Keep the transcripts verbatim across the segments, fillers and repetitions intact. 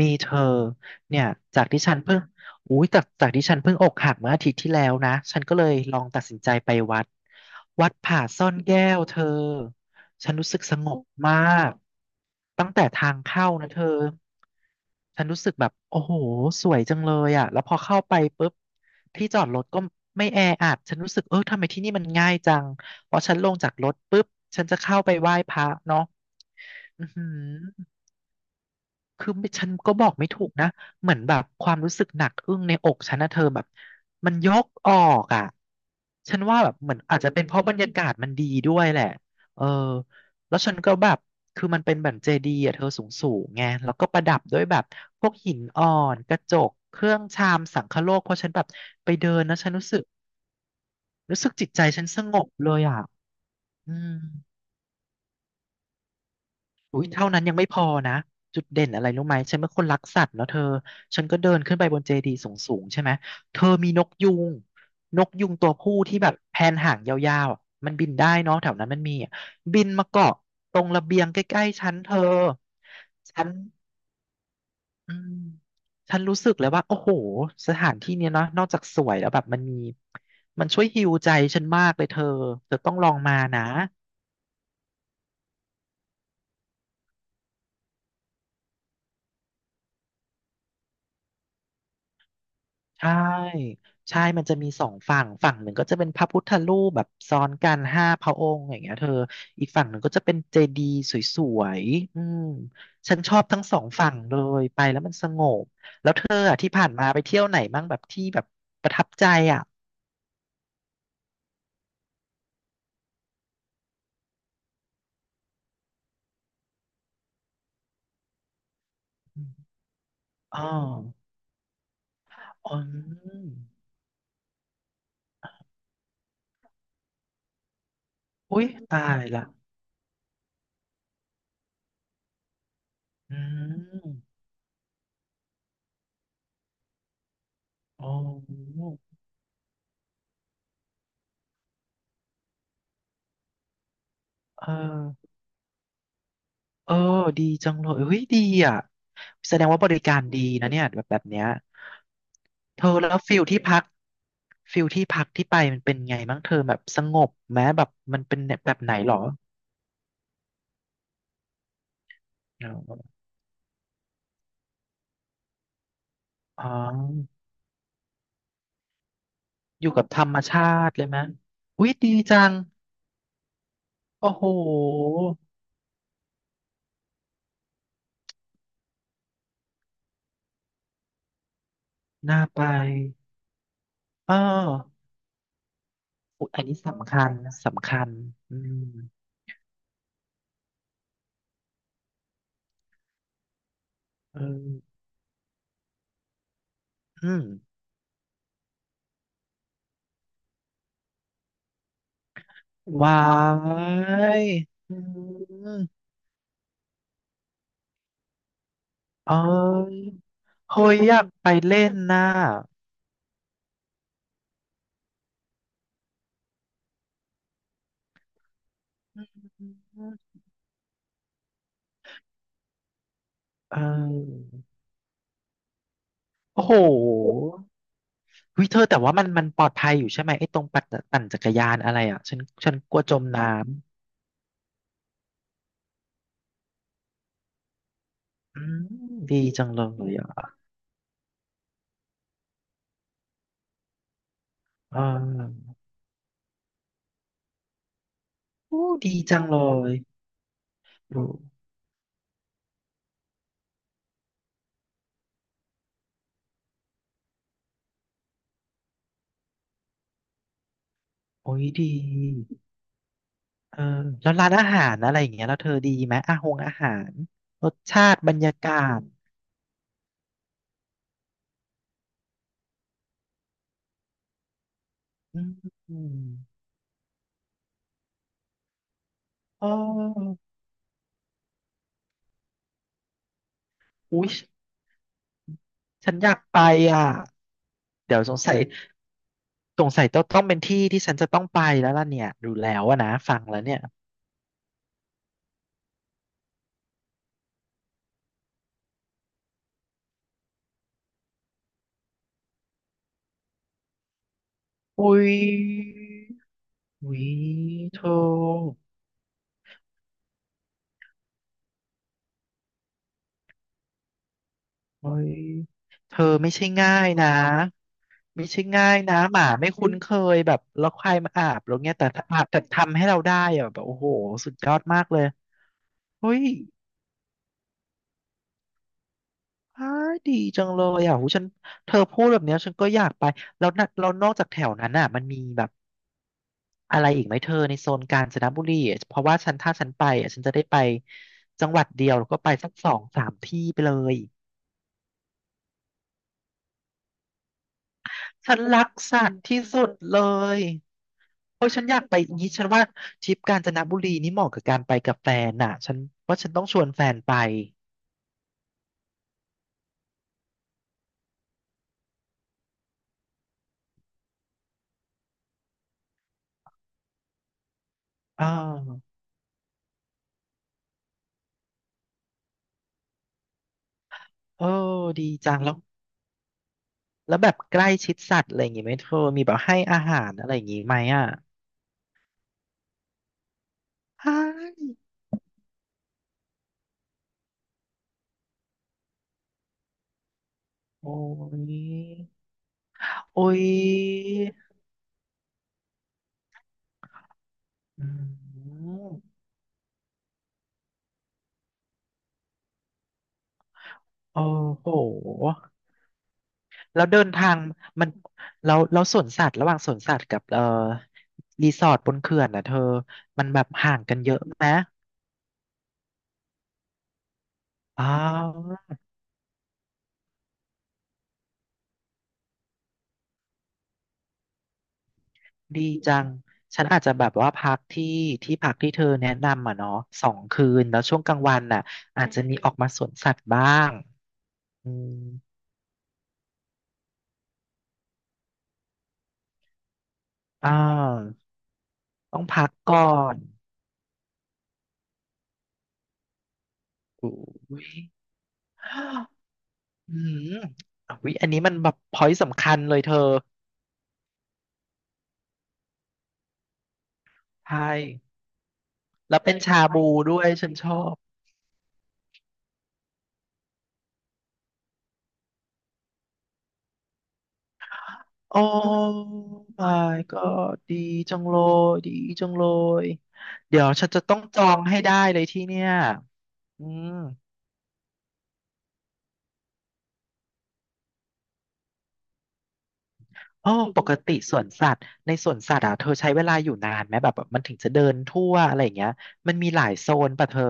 มีเธอเนี่ยจากที่ฉันเพิ่งอุ้ยจากจากที่ฉันเพิ่งอกหักเมื่ออาทิตย์ที่แล้วนะฉันก็เลยลองตัดสินใจไปวัดวัดผาซ่อนแก้วเธอฉันรู้สึกสงบมากตั้งแต่ทางเข้านะเธอฉันรู้สึกแบบโอ้โหสวยจังเลยอ่ะแล้วพอเข้าไปปุ๊บที่จอดรถก็ไม่แออัดฉันรู้สึกเออทำไมที่นี่มันง่ายจังพอฉันลงจากรถปุ๊บฉันจะเข้าไปไหว้พระเนาะอือหือ คือไม่ฉันก็บอกไม่ถูกนะเหมือนแบบความรู้สึกหนักอึ้งในอกฉันนะเธอแบบมันยกออกอ่ะฉันว่าแบบเหมือนอาจจะเป็นเพราะบรรยากาศมันดีด้วยแหละเออแล้วฉันก็แบบคือมันเป็นแบบเจดีย์อ่ะเธอสูงสูงไงแล้วก็ประดับด้วยแบบพวกหินอ่อนกระจกเครื่องชามสังคโลกเพราะฉันแบบไปเดินนะฉันรู้สึกรู้สึกจิตใจฉันสงบเลยอ่ะอืม อุ้ยเท่านั้นยังไม่พอนะจุดเด่นอะไรรู้ไหมฉันเป็นคนรักสัตว์เนาะเธอฉันก็เดินขึ้นไปบนเจดีย์สูงๆใช่ไหมเธอมีนกยูงนกยูงตัวผู้ที่แบบแผนหางยาวๆอะมันบินได้เนาะแถวนั้นมันมีอะบินมาเกาะตรงระเบียงใกล้ๆฉันเธอฉันอืมฉันรู้สึกเลยว่าโอ้โหสถานที่เนี้ยเนาะนอกจากสวยแล้วแบบมันมีมันช่วยฮีลใจฉันมากเลยเธอเธอต้องลองมานะ ใช่ใช่มันจะมีสองฝั่งฝั่งหนึ่งก็จะเป็นพระพุทธรูปแบบซ้อนกันห้าพระองค์อย่างเงี้ยเธอ อีกฝั่งหนึ่งก็จะเป็นเจดีย์สวยๆอืมฉันชอบทั้งสองฝั่งเลยไปแล้วมันสงบ แล้วเธออะที่ผ่านมาไปเที่ยวไหนบ้างแบบที่แบบประทับใจอ่ะอ๋ออ๋ออุ้ยตายละ อืมอ๋อเออ เออดีจังเลยเฮ้ยดีอ่ะแสดงว่าบริการดีนะเนี่ยแบบแบบเนี้ยเธอแล้วฟิลที่พักฟิลที่พักที่ไปมันเป็นไงบ้างเธอแบบสงบไหมแบบมันเป็นแบบไหนหรออ๋ออ๋ออยู่กับธรรมชาติเลยไหมอุ้ยดีจังโอ้โหน่าไปเอออยอันนี้สำคัญสำคัญอืมเอออืมว้ายอืม เอ้ยเฮ้ยอยากไปเล่นน่ะอืมเออโอ้โหวิเธอแต่ว่ามันมันปลอดภัยอยู่ใช่ไหมไอ้ตรงปัดตปั่นจักรยานอะไรอ่ะฉันฉันกลัวจมน้ำอืมดีจังเลยอ่ะเออโอ้ดีจังเลยโอ้โอ้ยดีเออแล้วร้านอาหารอะไรอย่างเงี้ยแล้วเธอดีไหมอาหงอาหารรสชาติบรรยากาศอืมอ๋ออุ้ย ฉันอยากไปอ่ะเดี๋ยวสงสัยสงสัยต้องต้องเป็นที่ที่ฉันจะต้องไปแล้วล่ะเนี่ยดูแล้วอะนะฟังแล้วเนี่ยอุ้ยอุ้ยเธออุ้ยเธอไม่ใช่ง่ายนะไม่ใช่ง่ายนะหมาไม่คุ้นเคยแบบแล้วใครมาอาบแล้วเงี้ยแต่ถ้าอาบแต่ทำให้เราได้อะแบบโอ้โหสุดยอดมากเลยเฮ้ย อ้ายดีจังเลยอ่ะหูฉันเธอพูดแบบเนี้ยฉันก็อยากไปแล้วนะแล้วนอกจากแถวนั้นอ่ะมันมีแบบอะไรอีกไหมเธอในโซนกาญจนบุรีอะเพราะว่าฉันถ้าฉันไปอ่ะฉันจะได้ไปจังหวัดเดียวแล้วก็ไปสักสองสามที่ไปเลยฉันรักสัตว์ที่สุดเลยโอ้ยฉันอยากไปอย่างนี้ฉันว่าทริปกาญจนบุรีนี่เหมาะกับการไปกับแฟนน่ะฉันว่าฉันต้องชวนแฟนไปอ่าวเออดีจังแล้วแล้วแบบใกล้ชิดสัตว์อะไรอย่างงี้ไหมเธอมีแบบให้อาหารอะไรอย่างงี้ไหมอ่ะ ใช่โอ้ยโอ้ยอืมโอ้โหแล้วเดินทางมันแล้วแล้วสวนสัตว์ระหว่างสวนสัตว์กับเอ่อรีสอร์ทบนเขื่อนนะเธอมันแบบห่างกันเยอะไหมอ้าวดีจังฉันอาจจะแบบว่าพักที่ที่พักที่เธอแนะนำอ่ะเนาะสองคืนแล้วช่วงกลางวันน่ะอาจจะมีออกมาสวนสัตว์บ้างอืมอ่าวต้องพักก่อนโอ้ย อืมอุ๊ยอันนี้มันแบบพอยต์สำคัญเลยเธอ ใช่ แล้วเป็นชาบูด้วยฉันชอบโอ้ my god ดีจังเลยดีจังเลย เดี๋ยวฉันจะต้องจองให้ได้เลยที่เนี่ยอืมอ้อปกติสวนสัตว์ในสวนสัตว์อ่ะเธอใช้เวลาอยู่นานไหมแบบแบบมันถึงจะเดินทั่วอะไรอย่างเงี้ย มันมีหลายโซนป่ะเธอ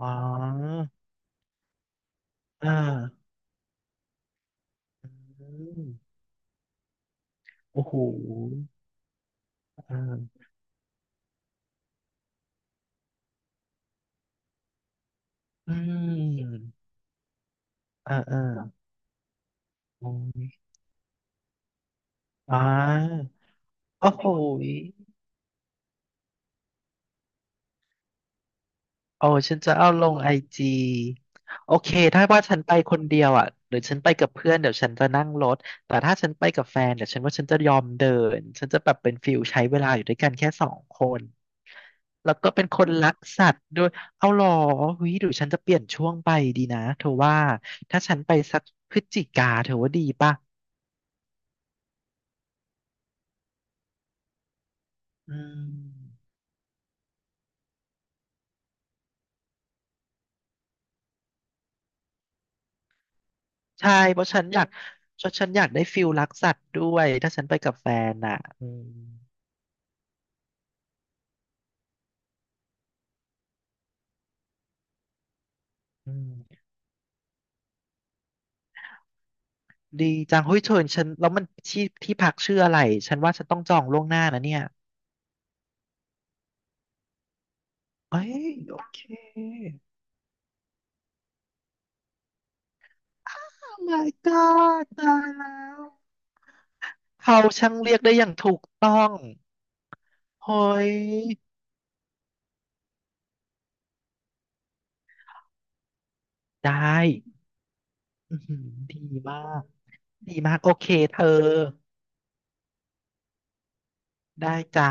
อ๋ออ่าอืมโอ้โหเอออืมเออเออ อ๋อ่าโอ้โหยโอ้ฉันจะเอาลงไอจีโอเคถ้าว่าฉันไปคนเดียวอ่ะหรือฉันไปกับเพื่อนเดี๋ยวฉันจะนั่งรถแต่ถ้าฉันไปกับแฟนเดี๋ยวฉันว่าฉันจะยอมเดินฉันจะแบบเป็นฟิลใช้เวลาอยู่ด้วยกันแค่สองคนแล้วก็เป็นคนรักสัตว์ด้วยเอาหรอหุยหรือฉันจะเปลี่ยนช่วงไปดีนะเธอว่าถ้าฉันไปสักพฤศจิกาเธอว่าดีป่ะอืม ใช่เพราะฉันอยาก ฉันฉันอยากได้ฟิลรักสัตว์ด้วยถ้าฉันไปกับแฟนอ่ะอืมอืมดีจังเฮ้ยเธอฉันแล้วมันที่ที่พักชื่ออะไรฉันว่าฉันต้องจองล่วงหน้านะเนี่ยเอ้ยโอเค Oh my god ตายแล้วเขาช่างเรียกได้อย่างถูกต้องเฮ้ยได้อื้อหือดีมากดีมากโอเคเธอได้จ้า